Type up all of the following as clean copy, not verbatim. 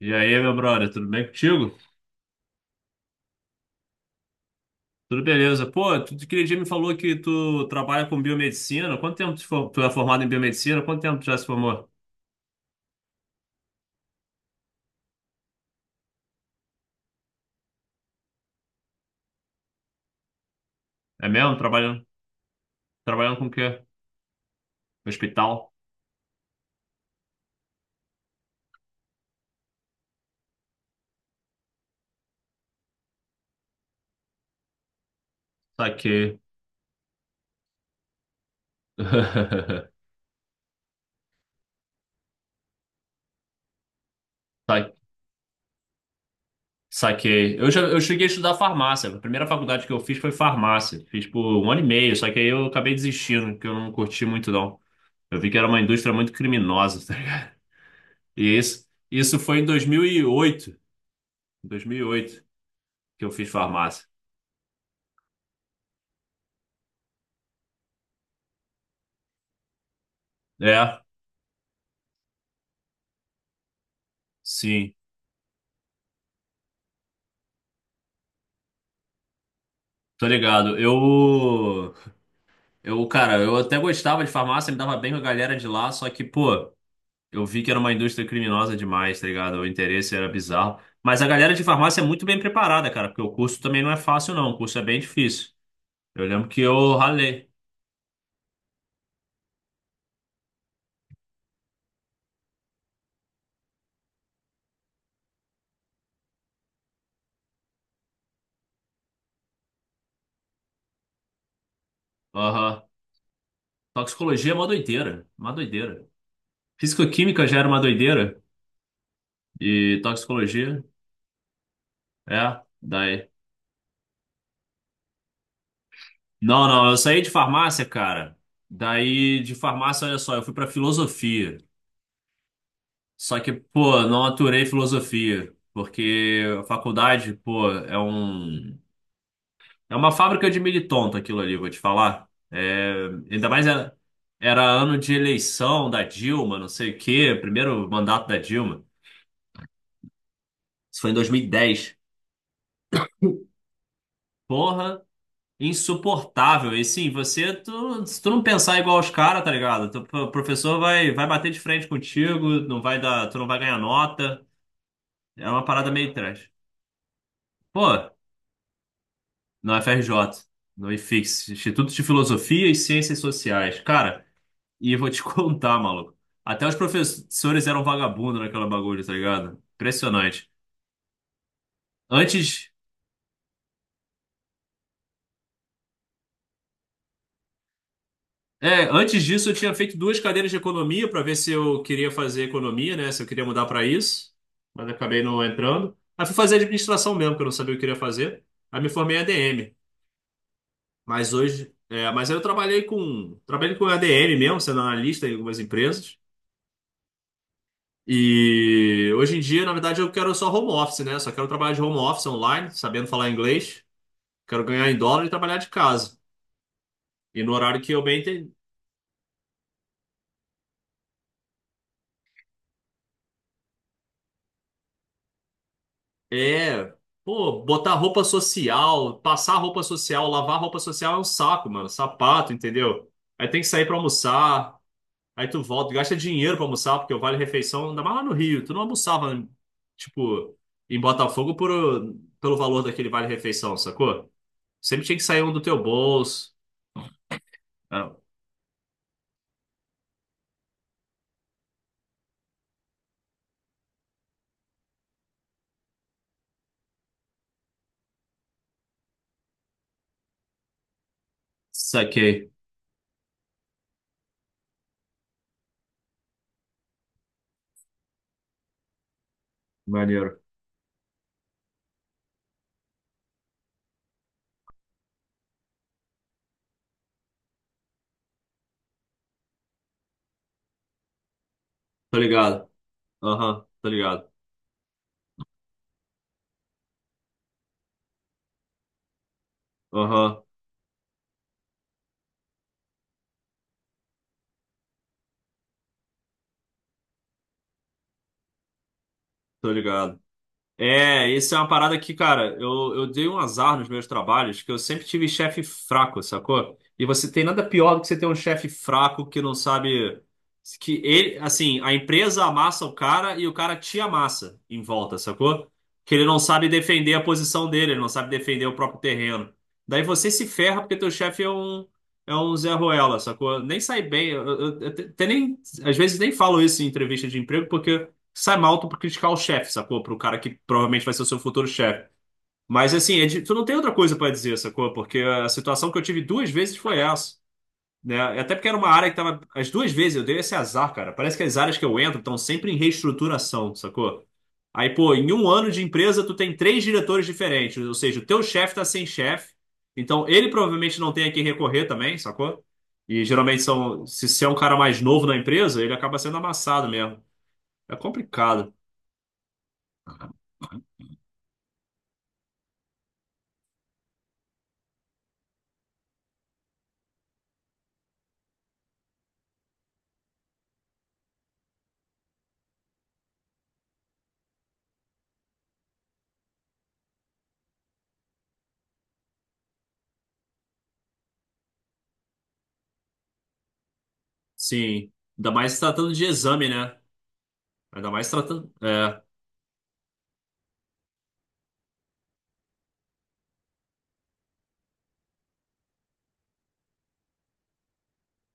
E aí, meu brother, tudo bem contigo? Tudo beleza. Pô, tu aquele dia me falou que tu trabalha com biomedicina. Quanto tempo tu, tu é formado em biomedicina? Quanto tempo tu já se formou? É mesmo? Trabalhando, trabalhando com o quê? No hospital? Saquei. Sa- Saquei. Eu, já, eu cheguei a estudar farmácia. A primeira faculdade que eu fiz foi farmácia. Fiz por um ano e meio, só que aí eu acabei desistindo, porque eu não curti muito, não. Eu vi que era uma indústria muito criminosa. Tá ligado? E isso, isso foi em 2008. Em 2008 que eu fiz farmácia. É. Sim, tô ligado. Cara, eu até gostava de farmácia, me dava bem com a galera de lá, só que, pô, eu vi que era uma indústria criminosa demais, tá ligado? O interesse era bizarro. Mas a galera de farmácia é muito bem preparada, cara, porque o curso também não é fácil, não. O curso é bem difícil. Eu lembro que eu ralei. Aham. Toxicologia é uma doideira, uma doideira. Fisicoquímica já era uma doideira e toxicologia, é, daí. Não, não, eu saí de farmácia, cara. Daí, de farmácia, olha só, eu fui pra filosofia. Só que, pô, não aturei filosofia, porque a faculdade, pô, é uma fábrica de militonto aquilo ali, vou te falar. É, ainda mais era, era ano de eleição da Dilma, não sei o quê, primeiro mandato da Dilma. Isso foi em 2010. Porra, insuportável. E sim, você, tu, se tu não pensar igual os caras, tá ligado? O professor vai, vai bater de frente contigo, não vai dar, tu não vai ganhar nota. É uma parada meio trash. Pô. No FRJ, no IFIX, Instituto de Filosofia e Ciências Sociais. Cara, e eu vou te contar, maluco. Até os professores eram vagabundos naquela bagulho, tá ligado? Impressionante. Antes, é, antes disso eu tinha feito duas cadeiras de economia para ver se eu queria fazer economia, né? Se eu queria mudar para isso, mas acabei não entrando. Aí fui fazer administração mesmo, porque eu não sabia o que eu queria fazer. Aí me formei em ADM, mas hoje, é, mas aí eu trabalhei com ADM mesmo, sendo analista em algumas empresas. E hoje em dia, na verdade, eu quero só home office, né? Só quero trabalhar de home office online, sabendo falar inglês. Quero ganhar em dólar e trabalhar de casa. E no horário que eu bem entendo, é, pô, botar roupa social, passar roupa social, lavar roupa social é um saco, mano. Sapato, entendeu? Aí tem que sair pra almoçar, aí tu volta, gasta dinheiro pra almoçar, porque o vale refeição, ainda mais lá no Rio, tu não almoçava, tipo, em Botafogo por, pelo valor daquele vale refeição, sacou? Sempre tinha que sair um do teu bolso. Saquei. Maneiro. Tô ligado. Aham, tô ligado. Aham, tô ligado. É, isso é uma parada que, cara, eu dei um azar nos meus trabalhos, que eu sempre tive chefe fraco, sacou? E você tem nada pior do que você ter um chefe fraco que não sabe que ele, assim, a empresa amassa o cara e o cara te amassa em volta, sacou? Que ele não sabe defender a posição dele, ele não sabe defender o próprio terreno. Daí você se ferra porque teu chefe é um Zé Ruela, sacou? Nem sai bem, eu te- te nem às vezes nem falo isso em entrevista de emprego porque sai mal tu por criticar o chefe, sacou? Pro cara que provavelmente vai ser o seu futuro chefe. Mas assim, tu não tem outra coisa pra dizer, sacou? Porque a situação que eu tive duas vezes foi essa, né? Até porque era uma área que tava. As duas vezes eu dei esse azar, cara. Parece que as áreas que eu entro estão sempre em reestruturação, sacou? Aí, pô, em um ano de empresa, tu tem três diretores diferentes. Ou seja, o teu chefe tá sem chefe. Então, ele provavelmente não tem a quem recorrer também, sacou? E geralmente são, se é um cara mais novo na empresa, ele acaba sendo amassado mesmo. É complicado. Sim. Ainda mais se tratando de exame, né? Ainda mais se tratando. É,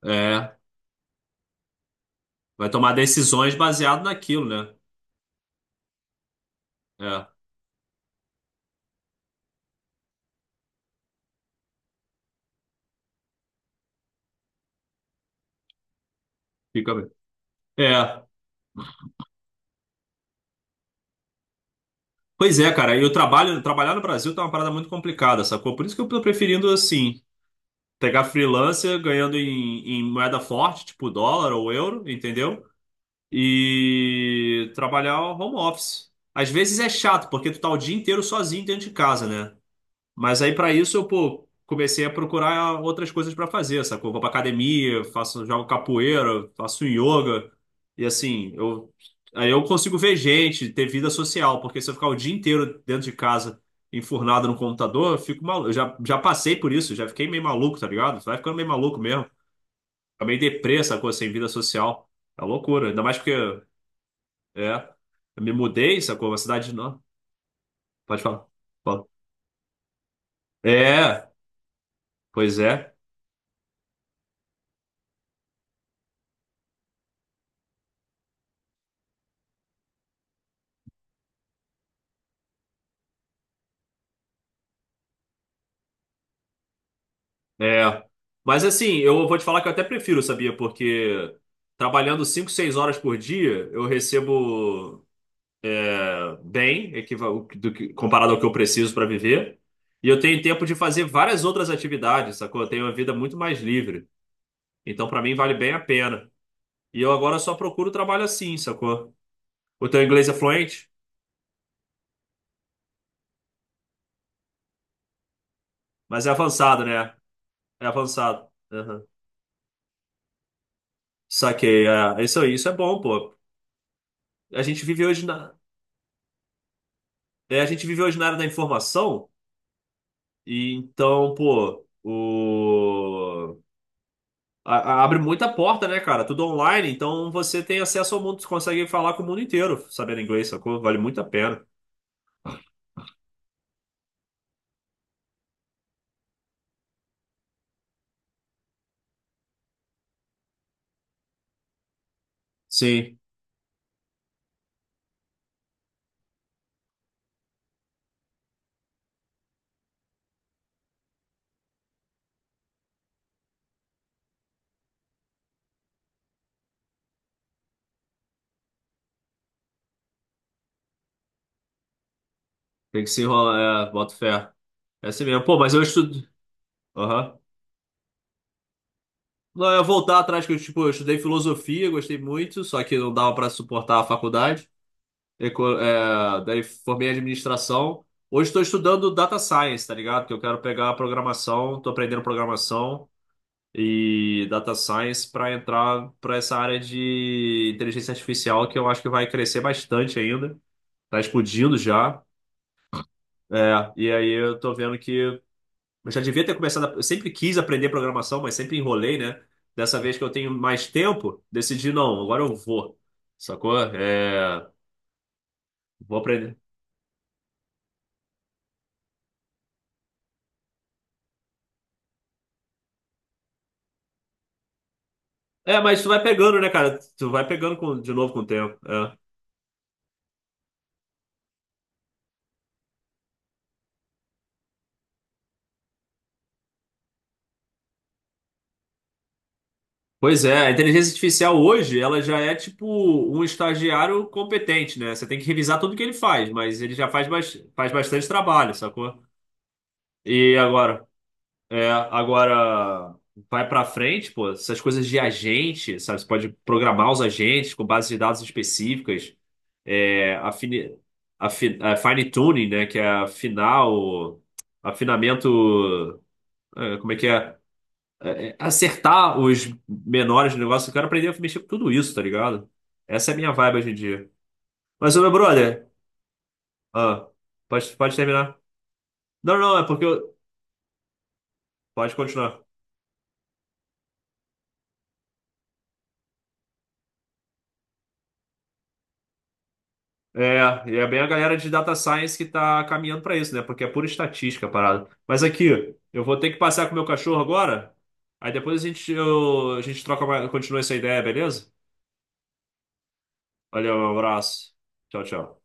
é. Vai tomar decisões baseado naquilo, né? É, fica bem. É. Pois é, cara. E o trabalho, trabalhar no Brasil tá uma parada muito complicada, sacou? Por isso que eu tô preferindo, assim, pegar freelancer ganhando em moeda forte, tipo dólar ou euro, entendeu? E trabalhar home office. Às vezes é chato, porque tu tá o dia inteiro sozinho dentro de casa, né? Mas aí para isso eu, pô, comecei a procurar outras coisas para fazer, sacou? Vou pra academia, faço, jogo capoeira, faço yoga. E assim, eu aí eu consigo ver gente, ter vida social, porque se eu ficar o dia inteiro dentro de casa, enfurnado no computador, eu fico maluco. Já passei por isso, já fiquei meio maluco, tá ligado? Vai ficando meio maluco mesmo. Fica meio deprê, sacou? Sem vida social. É loucura. Ainda mais porque, é, eu me mudei, sacou? Uma cidade não. Pode falar. Fala. É, pois é. É. Mas assim, eu vou te falar que eu até prefiro, sabia? Porque trabalhando 5, 6 horas por dia, eu recebo bem, comparado ao que eu preciso para viver. E eu tenho tempo de fazer várias outras atividades, sacou? Eu tenho uma vida muito mais livre. Então, para mim, vale bem a pena. E eu agora só procuro trabalho assim, sacou? O teu inglês é fluente, mas é avançado, né? É avançado. Aham. Saquei. É. Isso é bom, pô. A gente vive hoje na, é, a gente vive hoje na era da informação. E então, pô, o... abre muita porta, né, cara? Tudo online, então você tem acesso ao mundo, você consegue falar com o mundo inteiro sabendo inglês, sacou? Vale muito a pena. Sim, tem que se enrolar, é, boto fé. É assim mesmo. Pô, mas eu estudo. Aham. Não, eu ia voltar atrás, que eu, tipo, eu estudei filosofia, gostei muito, só que não dava pra suportar a faculdade. É, daí formei administração. Hoje estou estudando data science, tá ligado? Que eu quero pegar a programação, tô aprendendo programação. E data science para entrar para essa área de inteligência artificial que eu acho que vai crescer bastante ainda. Tá explodindo já. É, e aí eu tô vendo que eu já devia ter começado. Eu sempre quis aprender programação, mas sempre enrolei, né? Dessa vez que eu tenho mais tempo, decidi não, agora eu vou. Sacou? É, vou aprender. É, mas tu vai pegando, né, cara? Tu vai pegando de novo com o tempo. É. Pois é, a inteligência artificial hoje, ela já é tipo um estagiário competente, né? Você tem que revisar tudo que ele faz, mas ele já faz, faz bastante trabalho, sacou? E agora, é, agora vai pra frente, pô, essas coisas de agente, sabe? Você pode programar os agentes com bases de dados específicas, é, afini, é, fine tuning, né? Que é afinar o afinamento, é, como é que é? É, é, acertar os menores do negócio. Eu quero aprender a mexer com tudo isso, tá ligado? Essa é a minha vibe hoje em dia. Mas, ô meu brother, ah, pode terminar. Não, não, é porque eu... Pode continuar. É, e é bem a galera de data science que tá caminhando pra isso, né? Porque é pura estatística a parada. Mas aqui, eu vou ter que passear com o meu cachorro agora. Aí depois a gente troca, continua essa ideia, beleza? Valeu, um abraço. Tchau, tchau.